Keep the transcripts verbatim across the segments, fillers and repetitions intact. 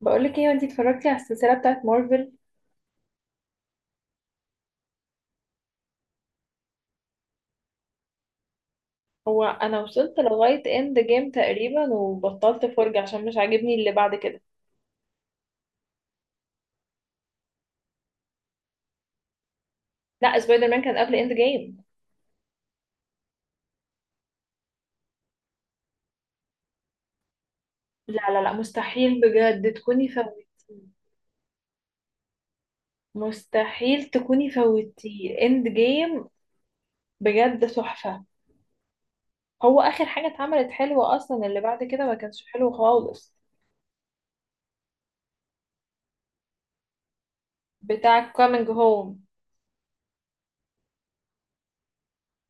بقولك ايه انتي اتفرجتي على السلسلة بتاعت مارفل؟ هو انا وصلت لغاية اند جيم تقريبا وبطلت فرجة عشان مش عاجبني اللي بعد كده. لا، سبايدر مان كان قبل اند جيم. لا لا لا، مستحيل بجد تكوني فوتي. مستحيل تكوني فوتي اند جيم، بجد تحفة. هو اخر حاجة اتعملت حلوة اصلا، اللي بعد كده ما كانش حلو خالص. بتاع كومينج هوم.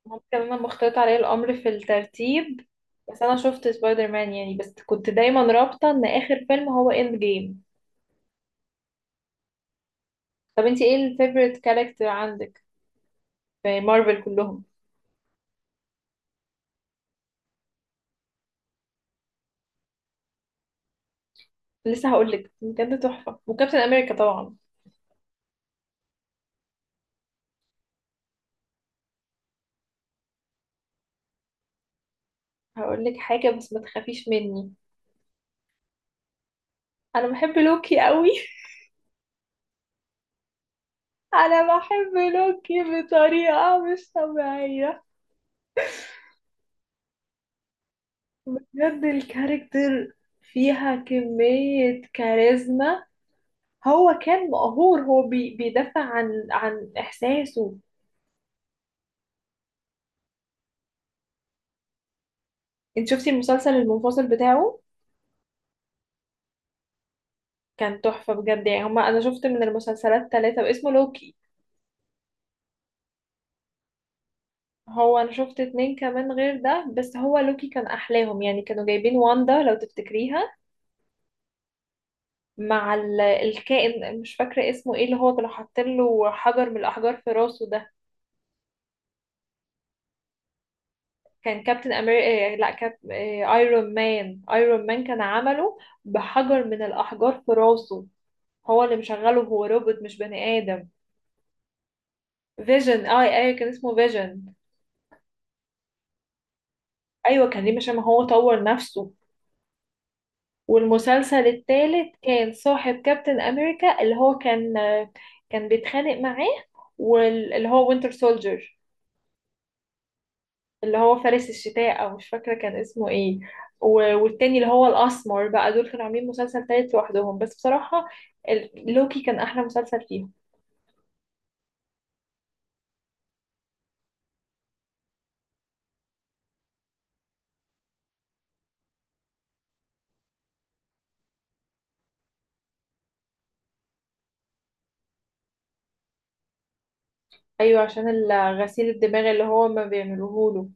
ممكن انا مختلط عليا الامر في الترتيب، بس انا شفت سبايدر مان يعني، بس كنت دايما رابطه ان اخر فيلم هو اند جيم. طب انتي ايه الفيفوريت كاركتر عندك في مارفل كلهم؟ لسه هقولك، بجد تحفه، وكابتن امريكا طبعا. هقولك حاجه بس ما تخافيش مني، انا بحب لوكي قوي. انا بحب لوكي بطريقه مش طبيعيه، بجد الكاركتر فيها كميه كاريزما. هو كان مقهور، هو بي بيدافع عن عن احساسه. انت شفتي المسلسل المنفصل بتاعه؟ كان تحفة بجد، يعني هما انا شفت من المسلسلات ثلاثة واسمه لوكي. هو انا شفت اتنين كمان غير ده، بس هو لوكي كان احلاهم يعني. كانوا جايبين واندا، لو تفتكريها، مع ال- الكائن مش فاكرة اسمه ايه، اللي هو كانوا حاطين له حجر من الاحجار في راسه ده. كان كابتن امريكا، لا كاب، ايرون مان، ايرون مان كان عمله بحجر من الاحجار في راسه. هو اللي مشغله، هو روبوت مش بني آدم. فيجن، اه ايوه كان اسمه فيجن. ايوه كان ليه، عشان ما هو طور نفسه. والمسلسل التالت كان صاحب كابتن امريكا، اللي هو كان كان بيتخانق معاه، واللي هو وينتر سولجر، اللي هو فارس الشتاء او مش فاكره كان اسمه ايه. و- والتاني اللي هو الاسمر بقى، دول كانوا عاملين مسلسل تالت لوحدهم. بس بصراحه ال- لوكي كان احلى مسلسل فيهم. ايوه عشان ال- غسيل الدماغ اللي هو ما بيعملوهوله.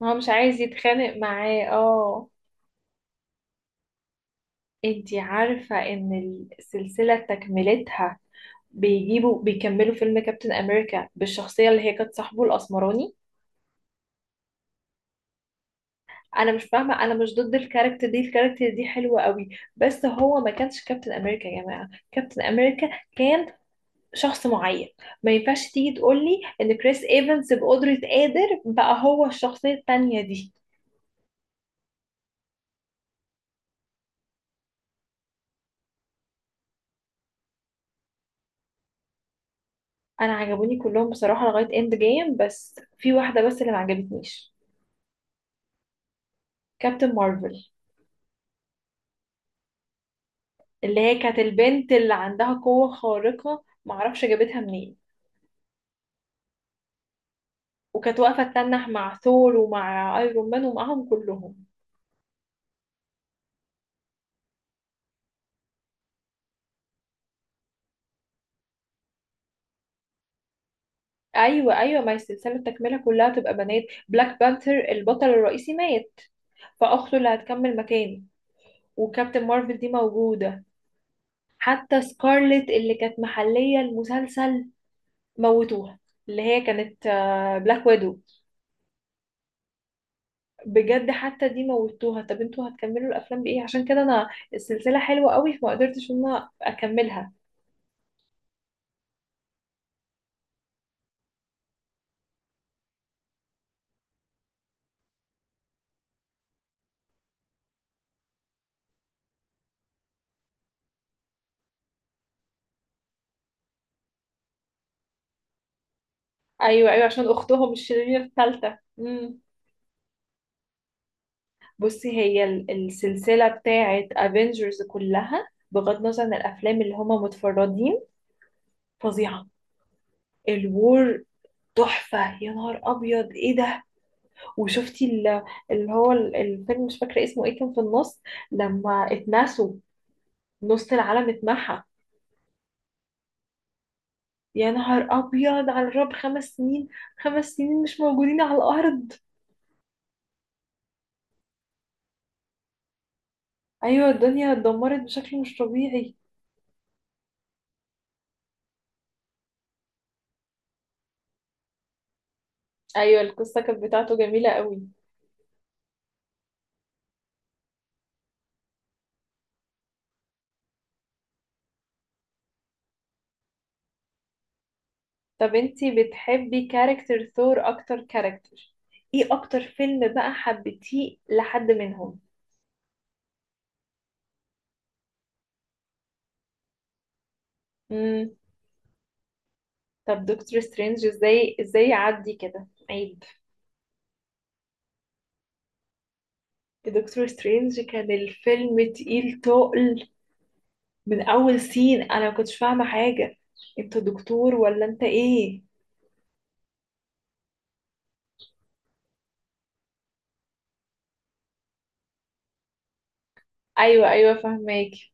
ما هو مش عايز يتخانق معاه، اه. انتي عارفة ان السلسلة تكملتها بيجيبوا، بيكملوا فيلم كابتن امريكا بالشخصية اللي هي كانت صاحبه الاسمراني. انا مش فاهمة، انا مش ضد الكاركتر دي، الكاركتر دي حلوة قوي. بس هو ما كانش كابتن امريكا يا جماعة، كابتن امريكا كان شخص معين، ما ينفعش تيجي تقولي ان كريس ايفنس بقدرة قادر بقى هو الشخصية التانية دي. انا عجبوني كلهم بصراحة لغاية اند جيم، بس في واحدة بس اللي ما عجبتنيش. كابتن مارفل، اللي هي كانت البنت اللي عندها قوة خارقة معرفش جابتها منين، وكانت واقفة تتنح مع ثور ومع ايرون مان ومعهم كلهم. ايوه ايوه، ما هي السلسلة التكملة كلها تبقى بنات. بلاك بانثر البطل الرئيسي مات، فاخته اللي هتكمل مكانه. وكابتن مارفل دي موجودة. حتى سكارلت اللي كانت محلية المسلسل موتوها، اللي هي كانت بلاك ويدو، بجد حتى دي موتوها. طب انتوا هتكملوا الافلام بايه؟ عشان كده انا السلسله حلوه قوي فما قدرتش ان انا اكملها. ايوه ايوه عشان اختهم الشريره الثالثه. امم بصي، هي ال- السلسله بتاعه افنجرز كلها بغض النظر عن الافلام اللي هما متفردين فظيعه. الوور تحفه، يا نهار ابيض ايه ده! وشفتي ال- اللي هو ال- الفيلم مش فاكره اسمه ايه كان في النص، لما اتنسوا، نص العالم اتمحى. يا نهار أبيض، على الرب خمس سنين، خمس سنين مش موجودين على الأرض. أيوة الدنيا اتدمرت بشكل مش طبيعي. أيوة القصة كانت بتاعته جميلة قوي. طب انتي بتحبي كاركتر ثور أكتر كاركتر؟ ايه أكتر فيلم بقى حبيتيه لحد منهم؟ مم. طب دكتور سترينج، ازاي ازاي يعدي كده عيب. دكتور سترينج كان الفيلم تقيل تقل، من أول سين أنا مكنتش فاهمة حاجة. انت دكتور ولا انت ايه؟ ايوه ايوه فهماكي.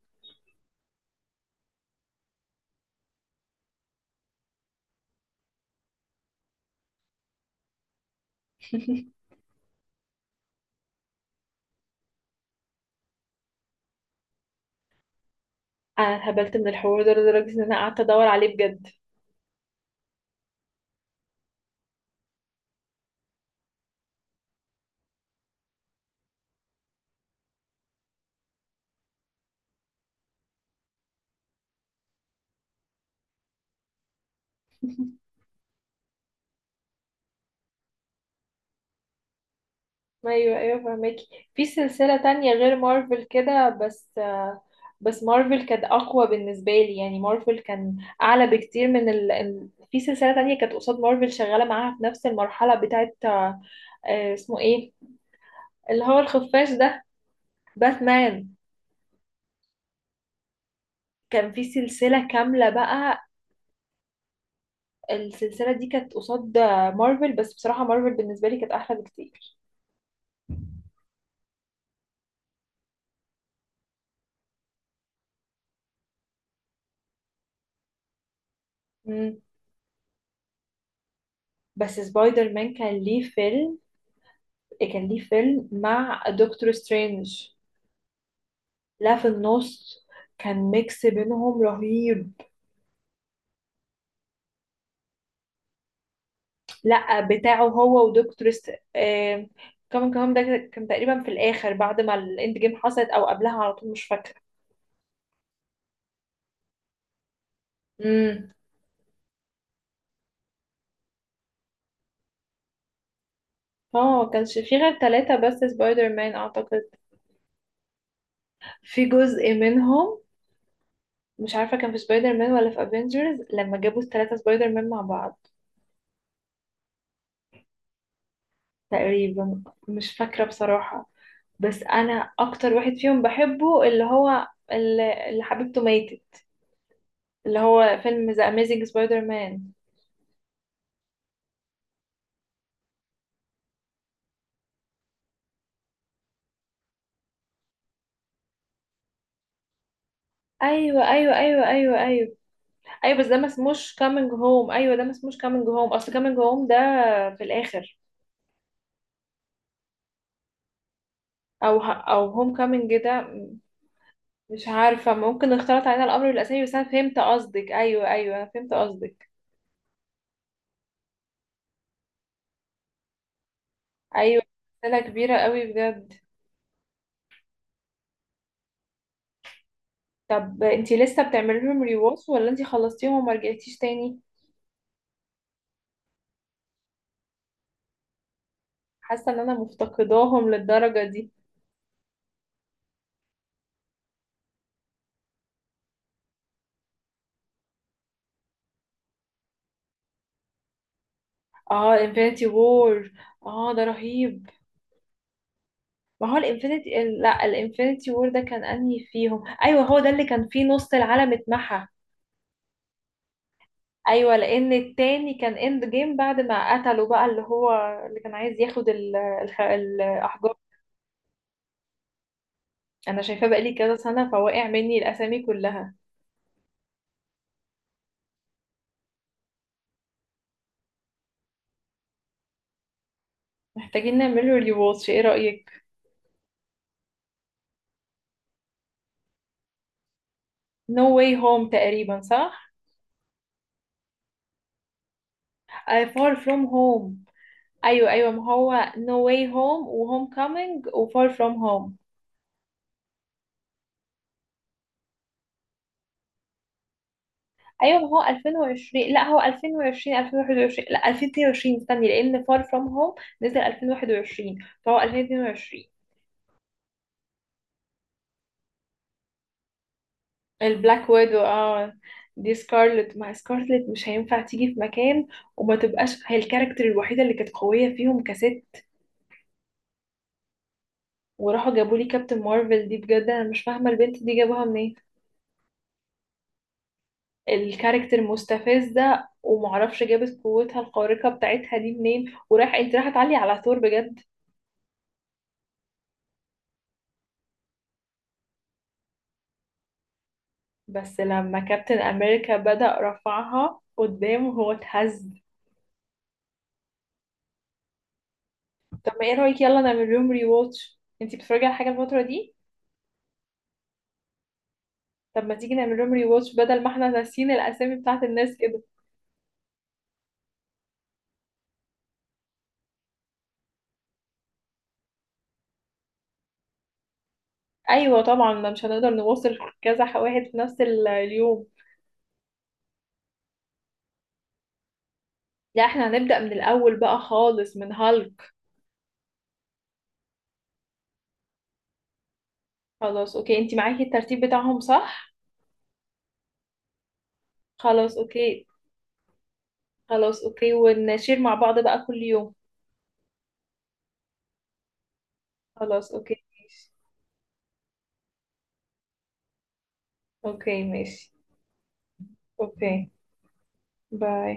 انا اتهبلت من الحوار ده لدرجه ان انا قعدت ادور عليه بجد. ايوه ايوه فهماكي في سلسله تانية غير مارفل كده، بس آه، بس مارفل كانت اقوى بالنسبه لي يعني. مارفل كان اعلى بكتير من ال... ال- في سلسله تانية كانت قصاد مارفل شغاله معاها في نفس المرحله بتاعت آه، آه، اسمه ايه اللي هو الخفاش ده؟ باتمان. كان في سلسله كامله بقى. السلسله دي كانت قصاد مارفل، بس بصراحه مارفل بالنسبه لي كانت احلى بكتير. بس سبايدر مان كان ليه فيلم، كان ليه فيلم مع دكتور سترينج. لا في النص. كان ميكس بينهم رهيب. لا بتاعه هو ودكتور ست... آه... كمان كمان ده كان تقريبا في الاخر بعد ما الاند جيم حصلت او قبلها على طول مش فاكره. امم، اه ما كانش في غير ثلاثة بس سبايدر مان اعتقد. في جزء منهم مش عارفة كان في سبايدر مان ولا في افنجرز لما جابوا الثلاثة سبايدر مان مع بعض. تقريبا، مش فاكرة بصراحة. بس انا اكتر واحد فيهم بحبه اللي هو اللي اللي حبيبته ماتت، اللي هو فيلم ذا اميزنج سبايدر مان. ايوه ايوه ايوه ايوه ايوه. ايوه بس ده ما اسموش كامينج هوم، ايوه ده ما اسموش كامينج هوم، اصل كامينج هوم ده في الاخر. او ه... او هوم كامينج ده م- مش عارفه، ممكن اختلط علينا الامر والاسامي، بس انا فهمت قصدك ايوه ايوه انا فهمت قصدك. ايوه سلسله كبيره قوي بجد. طب انتي لسه بتعملي لهم ريواتش ولا انتي خلصتيهم وما رجعتيش تاني؟ حاسه ان انا مفتقداهم للدرجه دي. اه انفينيتي وور. اه ده رهيب. ما هو الانفينيتي، لا الانفينيتي وور ده كان انهي فيهم؟ ايوه هو ده اللي كان فيه نص العالم اتمحى. ايوه لان التاني كان اند جيم، بعد ما قتله بقى اللي هو اللي كان عايز ياخد ال- الخ- الاحجار. انا شايفاه بقالي كذا سنه فواقع مني الاسامي كلها. محتاجين نعمله ريواتش، ايه رايك؟ نو واي هوم تقريبا، صح؟ آه، far from home. ايوه ايوه، ما هو No Way Home و Homecoming و Far From Home. ايوه ما هو ألفين و عشرين، لا هو ألفين وعشرين ألفين وواحد وعشرين، لا ألفين واتنين وعشرين استني لان Far From Home نزل ألفين وواحد وعشرين فهو ألفين واتنين وعشرين. البلاك ويدو، اه دي سكارلت، مع سكارلت مش هينفع تيجي في مكان وما تبقاش هي الكاركتر الوحيدة اللي كانت قوية فيهم كست. وراحوا جابوا لي كابتن مارفل دي، بجد انا مش فاهمة البنت دي جابوها منين. الكاركتر مستفزة ومعرفش جابت قوتها الخارقة بتاعتها دي منين، وراح انت راح تعلي على ثور؟ بجد. بس لما كابتن امريكا بدأ رفعها قدامه هو اتهز. طب ما ايه رأيك يلا نعمل لهم ري واتش؟ انتي بتتفرجي على حاجة الفترة دي؟ طب ما تيجي نعمل لهم ري واتش بدل ما احنا ناسيين الاسامي بتاعت الناس كده. ايوه طبعا، ما مش هنقدر نوصل كذا واحد في نفس ال- اليوم. لا احنا هنبدأ من الاول بقى خالص من هالك. خلاص اوكي، انتي معاكي الترتيب بتاعهم صح؟ خلاص اوكي. خلاص اوكي ونشير مع بعض بقى كل يوم. خلاص اوكي ماشي. اوكي ماشي اوكي. باي.